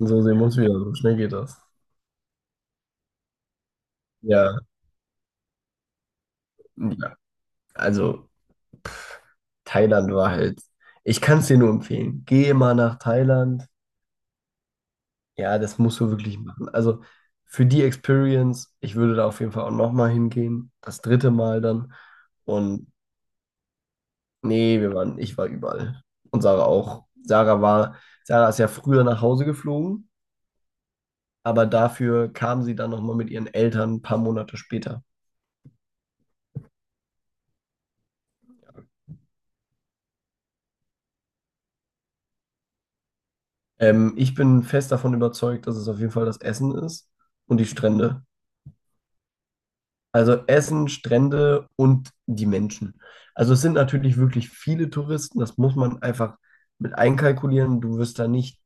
So sehen wir uns wieder, so schnell geht das. Ja, ja. Also Thailand war halt, ich kann es dir nur empfehlen. Geh mal nach Thailand. Ja, das musst du wirklich machen. Also für die Experience, ich würde da auf jeden Fall auch nochmal hingehen. Das dritte Mal dann. Und nee, wir waren, ich war überall. Und Sarah auch. Sarah ist ja früher nach Hause geflogen, aber dafür kam sie dann nochmal mit ihren Eltern ein paar Monate später. Ich bin fest davon überzeugt, dass es auf jeden Fall das Essen ist und die Strände. Also Essen, Strände und die Menschen. Also es sind natürlich wirklich viele Touristen, das muss man einfach mit einkalkulieren. Du wirst da nicht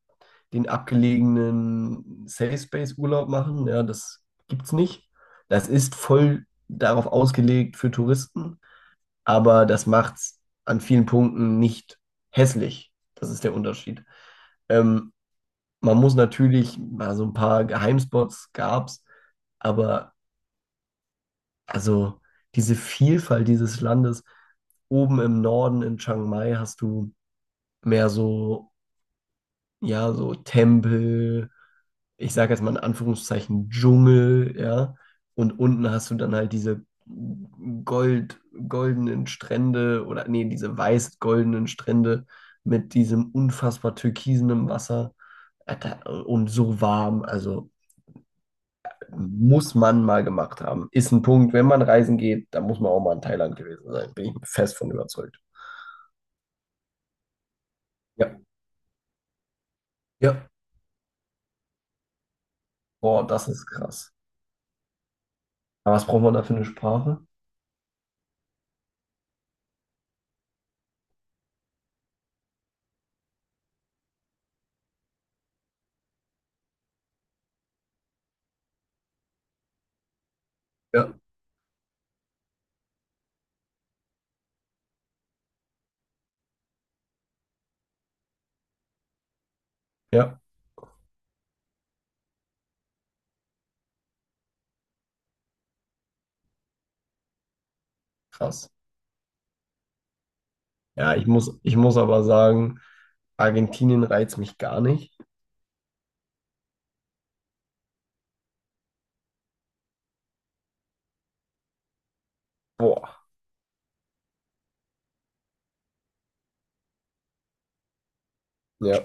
den abgelegenen Safe Space Urlaub machen, ja, das gibt's nicht. Das ist voll darauf ausgelegt für Touristen, aber das macht's an vielen Punkten nicht hässlich. Das ist der Unterschied. Ähm, Man muss natürlich, also ein paar Geheimspots gab's, aber also diese Vielfalt dieses Landes, oben im Norden in Chiang Mai hast du mehr so, ja, so Tempel, ich sage jetzt mal in Anführungszeichen Dschungel, ja, und unten hast du dann halt diese gold, goldenen Strände oder nee, diese weiß-goldenen Strände mit diesem unfassbar türkisenen Wasser. Alter, und so warm, also muss man mal gemacht haben. Ist ein Punkt, wenn man reisen geht, da muss man auch mal in Thailand gewesen sein. Bin ich fest von überzeugt. Ja, ja. Boah, das ist krass. Aber was braucht man da für eine Sprache? Ja. Ja, krass. Ja, ich muss aber sagen, Argentinien reizt mich gar nicht. Boah, ja,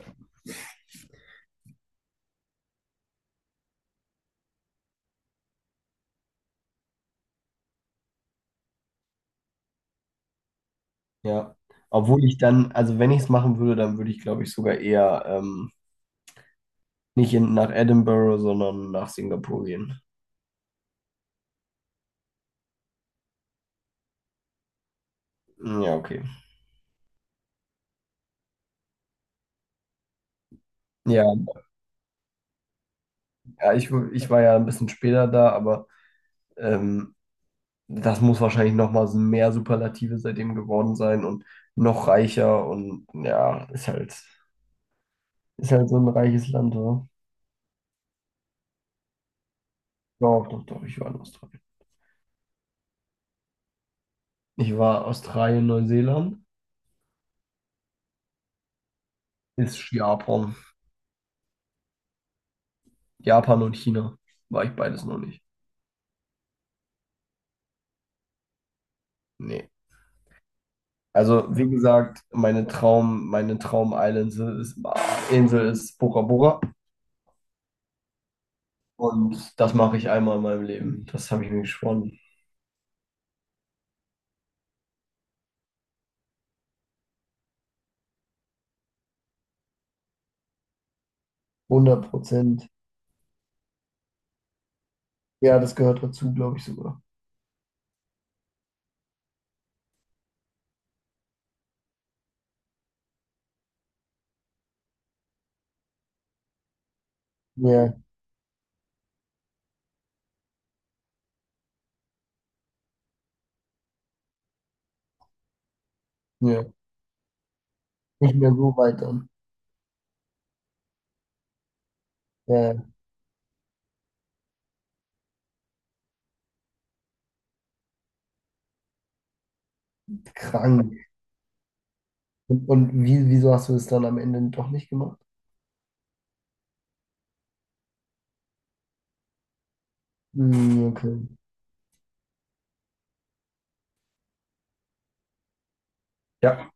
ja. Obwohl ich dann, also wenn ich es machen würde, dann würde ich, glaube ich, sogar eher nicht nach Edinburgh, sondern nach Singapur gehen. Ja, okay. Ja, ja, ich war ja ein bisschen später da, aber ähm, das muss wahrscheinlich noch mal so mehr Superlative seitdem geworden sein und noch reicher, und ja, ist halt so ein reiches Land, oder? Doch, doch, doch, ich war in Australien. Ich war Australien, Neuseeland, ist Japan. Japan und China war ich beides noch nicht. Nee. Also, wie gesagt, meine Traum-Island ist, Insel ist Bora Bora, und das mache ich einmal in meinem Leben. Das habe ich mir geschworen. 100%. Ja, das gehört dazu, glaube ich sogar. Ja, ja. Nicht mehr so weit dann. Ja, krank. Und wieso hast du es dann am Ende doch nicht gemacht? Hm, okay. Ja.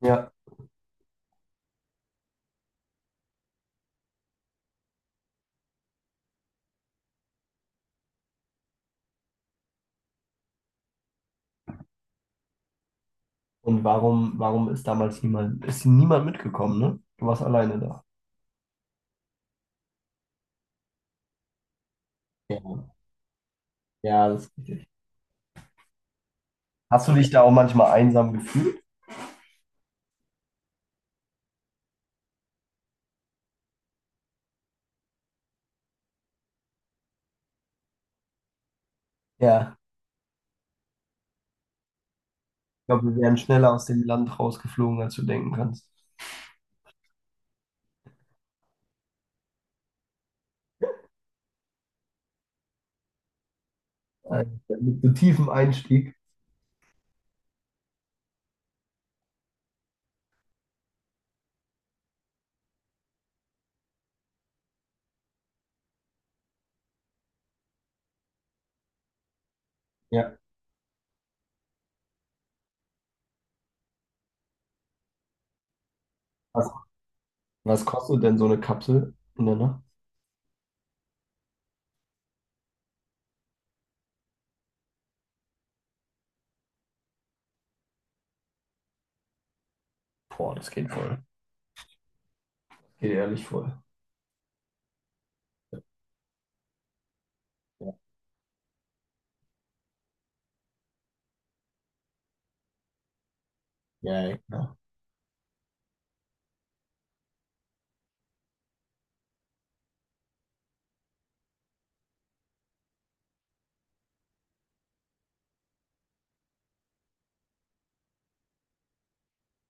Ja. Und warum ist damals ist niemand mitgekommen, ne? Du warst alleine da. Ja, ja, das ist richtig. Hast du dich da auch manchmal einsam gefühlt? Ja. Ich glaube, wir wären schneller aus dem Land rausgeflogen, als du denken kannst. Äh, Mit so tiefem Einstieg. Ja. Was, was kostet denn so eine Kapsel in der Nacht? Boah, das geht voll. Geht ehrlich voll. Ja, ja, ja.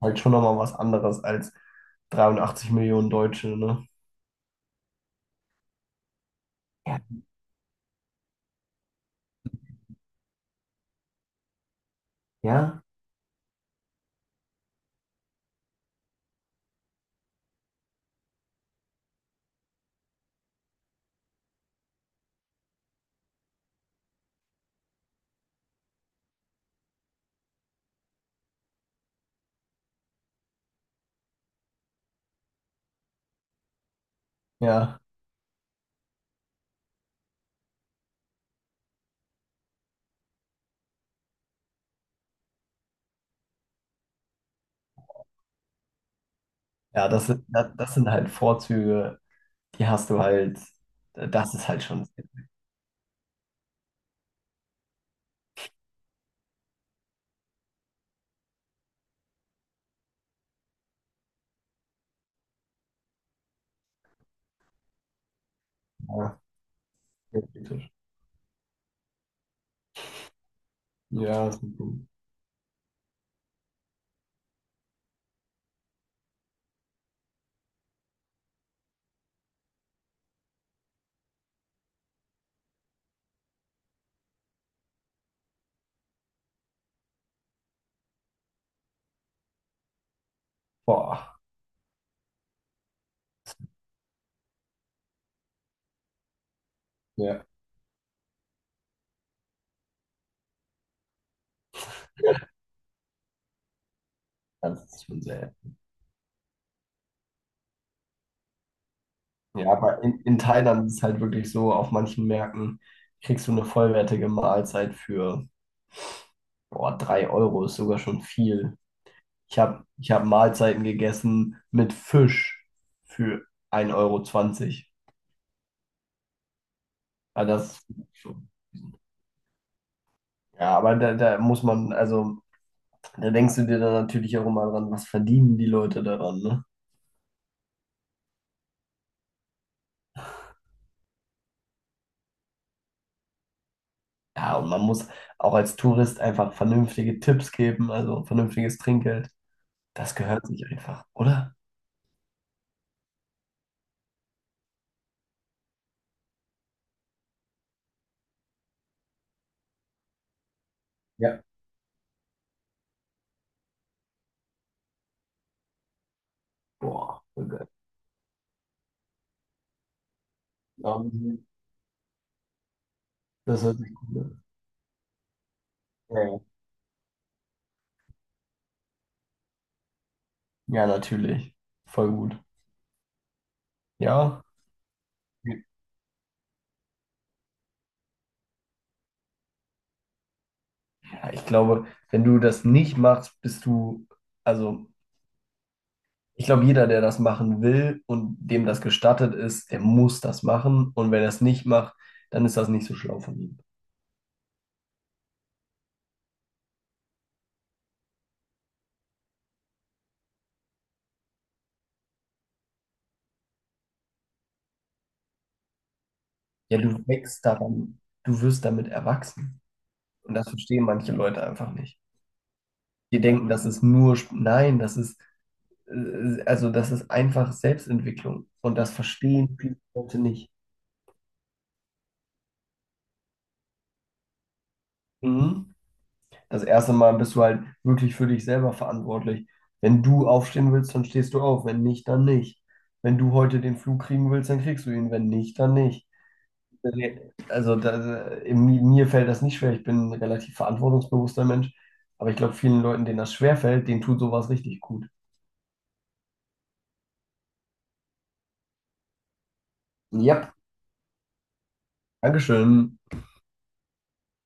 Halt schon nochmal was anderes als 83 Millionen Deutsche, ne? Ja. Ja. Ja. Ja, das sind, das sind halt Vorzüge, die hast du halt, das ist halt schon sehr, ja, sehr kritisch. Ja, das ist ein, boah, ja, ja, das ist schon sehr. Ja, aber in Thailand ist es halt wirklich so, auf manchen Märkten kriegst du eine vollwertige Mahlzeit für, boah, 3 Euro ist sogar schon viel. Ich hab Mahlzeiten gegessen mit Fisch für 1,20 € Ah, das schon. Ja, aber da muss man, also da denkst du dir dann natürlich auch immer dran, was verdienen die Leute daran, ne? Ja, und man muss auch als Tourist einfach vernünftige Tipps geben, also vernünftiges Trinkgeld. Das gehört sich einfach, oder? Ja. Boah, voll geil. Ähm, Das hört sich gut an. Ja, ja. Ja, natürlich. Voll gut. Ja. Ja, ich glaube, wenn du das nicht machst, bist du, also ich glaube, jeder, der das machen will und dem das gestattet ist, der muss das machen. Und wenn er es nicht macht, dann ist das nicht so schlau von ihm. Ja, du wächst daran, du wirst damit erwachsen. Und das verstehen manche Leute einfach nicht. Die denken, das ist nur, nein, das ist, also das ist einfach Selbstentwicklung. Und das verstehen viele Leute nicht. Mhm. Das erste Mal bist du halt wirklich für dich selber verantwortlich. Wenn du aufstehen willst, dann stehst du auf. Wenn nicht, dann nicht. Wenn du heute den Flug kriegen willst, dann kriegst du ihn. Wenn nicht, dann nicht. Also mir fällt das nicht schwer. Ich bin ein relativ verantwortungsbewusster Mensch. Aber ich glaube, vielen Leuten, denen das schwerfällt, denen tut sowas richtig gut. Yep. Dankeschön.